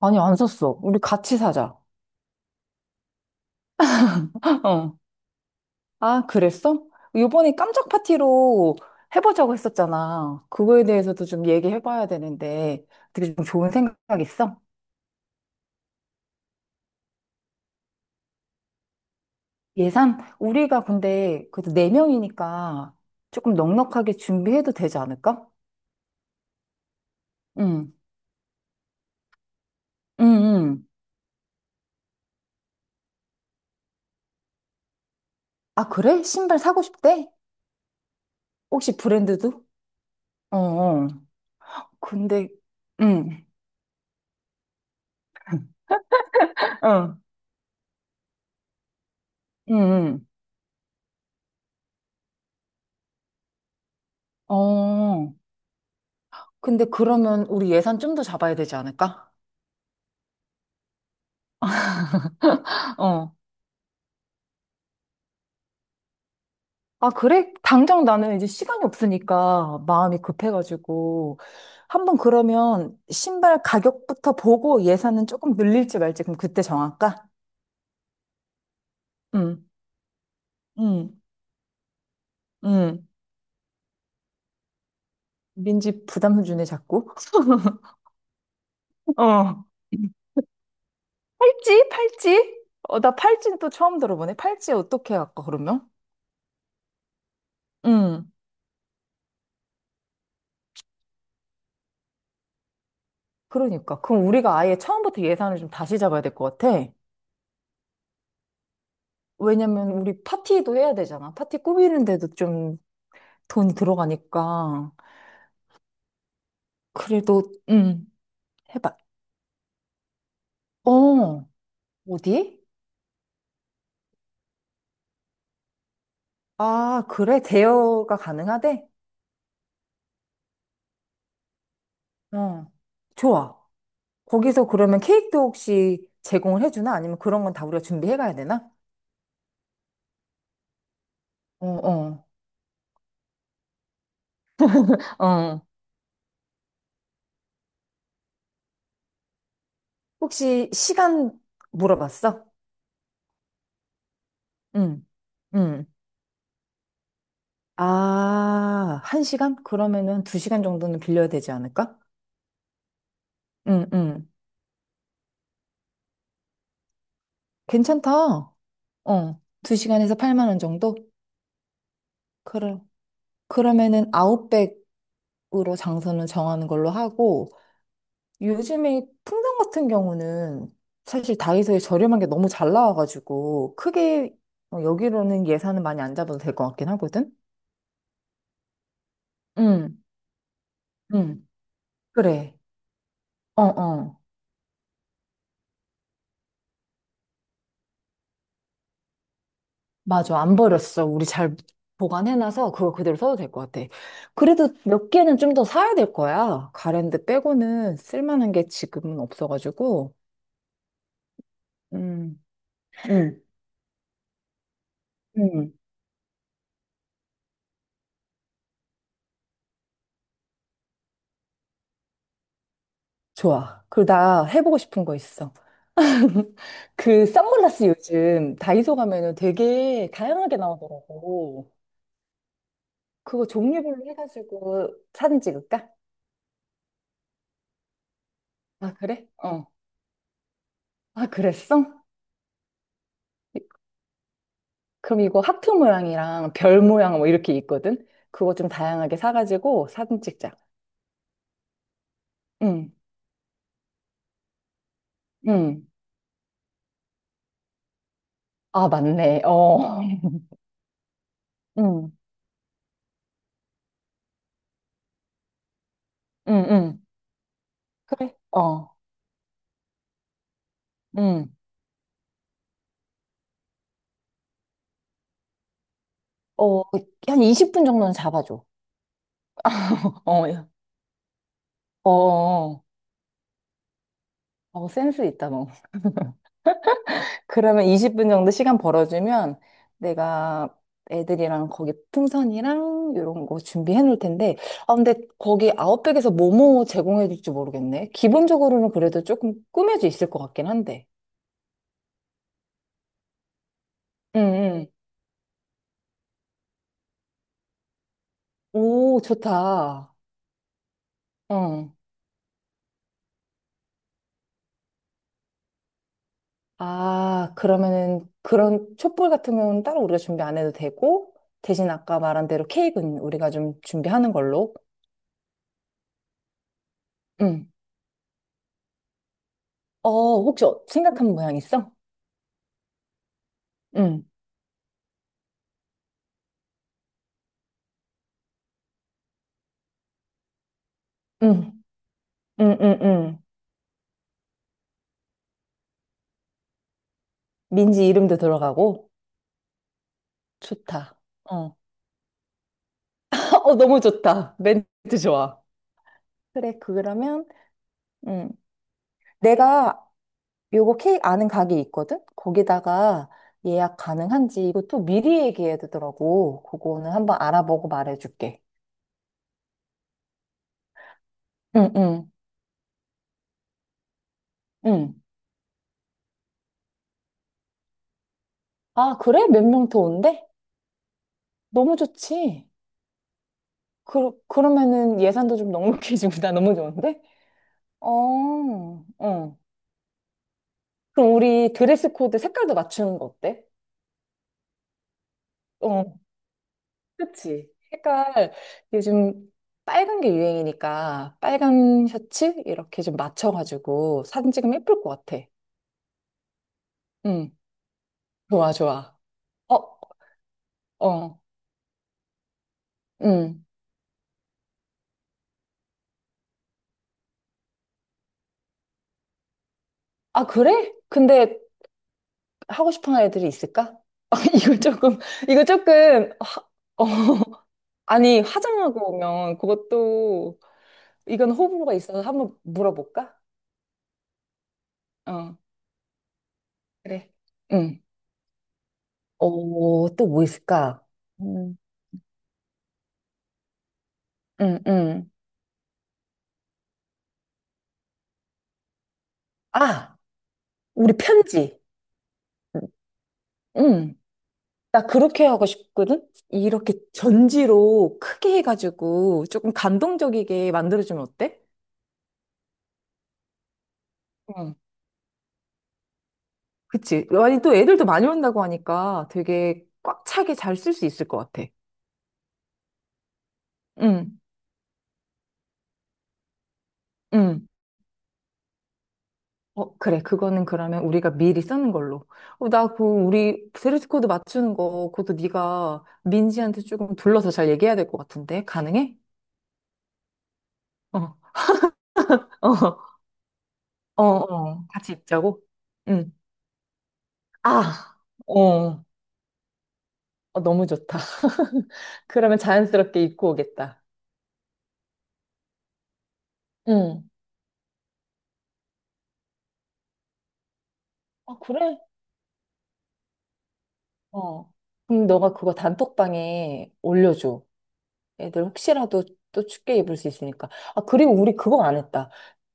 아니, 안 샀어. 우리 같이 사자. 어. 아, 그랬어? 요번에 깜짝 파티로 해보자고 했었잖아. 그거에 대해서도 좀 얘기해봐야 되는데, 되게 좀 좋은 생각 있어? 예산? 우리가 근데 그래도 네명이니까 조금 넉넉하게 준비해도 되지 않을까? 응. 응, 응. 아, 그래? 신발 사고 싶대? 혹시 브랜드도? 어, 어. 근데, 응, 어, 응, 응. 어. 근데 그러면 우리 예산 좀 더 잡아야 되지 않을까? 어. 아, 그래? 당장 나는 이제 시간이 없으니까 마음이 급해가지고. 한 번 그러면 신발 가격부터 보고 예산은 조금 늘릴지 말지 그럼 그때 정할까? 응, 응, 응. 민지 부담 주네, 자꾸. 어. 팔찌? 팔찌? 어, 나 팔찌는 또 처음 들어보네. 팔찌 어떻게 할까, 그러면? 응. 그러니까. 그럼 우리가 아예 처음부터 예산을 좀 다시 잡아야 될 것 같아. 왜냐면 우리 파티도 해야 되잖아. 파티 꾸미는데도 좀 돈이 들어가니까. 그래도, 음, 해봐. 어, 어디? 아, 그래? 대여가 가능하대? 어, 좋아. 거기서 그러면 케이크도 혹시 제공을 해주나? 아니면 그런 건 다 우리가 준비해 가야 되나? 어, 어, 어. 혹시 시간 물어봤어? 응, 응. 아, 한 시간? 그러면은 두 시간 정도는 빌려야 되지 않을까? 응, 응. 괜찮다. 어, 2시간에서 8만 원 정도? 그럼 그러면은 아웃백으로 장소는 정하는 걸로 하고 요즘에 풍선 같은 경우는 사실 다이소에 저렴한 게 너무 잘 나와가지고 크게 어, 여기로는 예산은 많이 안 잡아도 될 것 같긴 하거든? 응, 응, 그래. 어, 어. 맞아. 안 버렸어. 우리 잘 보관해놔서 그거 그대로 써도 될 것 같아. 그래도 몇 개는 좀 더 사야 될 거야. 가랜드 빼고는 쓸만한 게 지금은 없어가지고. 음. 응, 응, 좋아. 그리고 나 해보고 싶은 거 있어. 그 선글라스 요즘 다이소 가면은 되게 다양하게 나오더라고. 그거 종류별로 해가지고 사진 찍을까? 아, 그래? 어. 아, 그랬어? 그럼 이거 하트 모양이랑 별 모양 뭐 이렇게 있거든? 그거 좀 다양하게 사가지고 사진 찍자. 응, 응. 아, 맞네. 어. 응, 응, 응. 그래? 어, 응. 어, 한 20분 정도는 잡아줘. 어. 어, 어, 어, 센스 있다, 너. 그러면 20분 정도 시간 벌어주면 내가 애들이랑 거기 풍선이랑 이런 거 준비해 놓을 텐데, 아, 근데 거기 아웃백에서 뭐뭐 제공해 줄지 모르겠네. 기본적으로는 그래도 조금 꾸며져 있을 것 같긴 한데. 응, 응. 오, 좋다. 응. 아, 그러면은 그런 촛불 같은 경우는 따로 우리가 준비 안 해도 되고, 대신 아까 말한 대로 케이크는 우리가 좀 준비하는 걸로. 응. 어, 혹시 생각한 모양 있어? 응, 응, 응, 응, 응. 민지 이름도 들어가고. 좋다. 어. 어, 너무 좋다. 멘트 좋아. 그래, 그러면, 응. 내가 요거 케이크 아는 가게 있거든? 거기다가 예약 가능한지 이것도 미리 얘기해야 되더라고. 그거는 한번 알아보고 말해줄게. 응, 응, 응. 아, 그래? 몇 명 더 온대? 너무 좋지. 그러면은 예산도 좀 넉넉해지고 나 너무 좋은데? 어, 어. 그럼 우리 드레스 코드 색깔도 맞추는 거 어때? 어, 그치. 색깔, 요즘 빨간 게 유행이니까 빨간 셔츠? 이렇게 좀 맞춰가지고 사진 찍으면 예쁠 것 같아. 응, 좋아, 좋아. 어, 어, 응. 아, 그래? 근데 하고 싶은 애들이 있을까? 아, 이거 조금, 이거 조금, 어, 아니, 화장하고 오면 그것도, 이건 호불호가 있어서 한번 물어볼까? 어, 그래. 응. 어, 또 뭐 있을까? 음, 응, 응. 아, 우리 편지. 응. 나 그렇게 하고 싶거든? 이렇게 전지로 크게 해가지고 조금 감동적이게 만들어주면 어때? 응. 그치. 아니, 또 애들도 많이 온다고 하니까 되게 꽉 차게 잘 쓸 수 있을 것 같아. 응, 응. 어, 그래. 그거는 그러면 우리가 미리 쓰는 걸로. 나 우리 드레스 코드 맞추는 거, 그것도 네가 민지한테 조금 둘러서 잘 얘기해야 될 것 같은데. 가능해? 어, 어, 어, 어. 같이 입자고? 응. 아, 어, 어, 너무 좋다. 그러면 자연스럽게 입고 오겠다. 응. 아, 그래? 어. 그럼 너가 그거 단톡방에 올려줘. 애들 혹시라도 또 춥게 입을 수 있으니까. 아, 그리고 우리 그거 안 했다.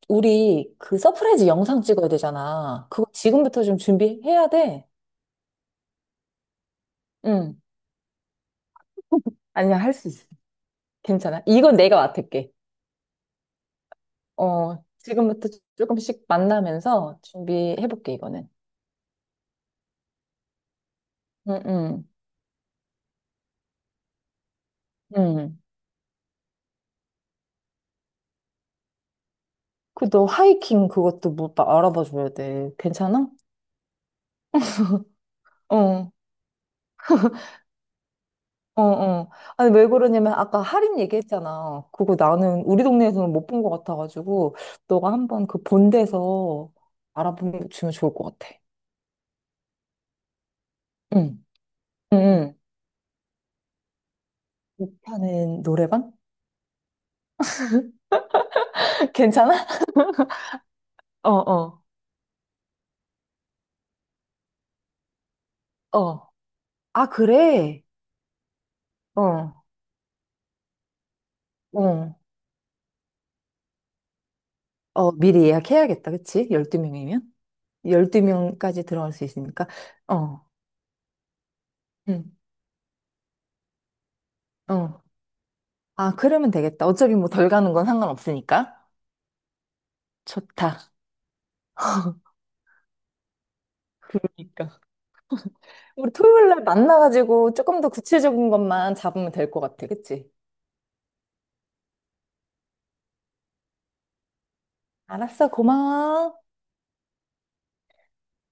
우리 그 서프라이즈 영상 찍어야 되잖아. 그거 지금부터 좀 준비해야 돼. 응. 아니야, 할 수 있어. 괜찮아. 이건 내가 맡을게. 어, 지금부터 조금씩 만나면서 준비해볼게, 이거는. 응, 응, 응. 그, 너 하이킹 그것도 알아봐 줘야 돼. 괜찮아? 어, 어, 어. 아니, 왜 그러냐면, 아까 할인 얘기했잖아. 그거 나는 우리 동네에서는 못 본 것 같아가지고, 너가 한번 그 본데서 알아보면 좋을 것 같아. 응, 응, 응. 하는 노래방? 괜찮아? 어, 어, 어. 아, 그래? 어, 어. 어, 미리 예약해야겠다, 그치? 12명이면? 12명까지 들어갈 수 있으니까. 어, 응, 어. 아, 그러면 되겠다. 어차피 뭐 덜 가는 건 상관없으니까. 좋다. 그러니까. 우리 토요일 날 만나가지고 조금 더 구체적인 것만 잡으면 될 것 같아, 그치? 알았어, 고마워.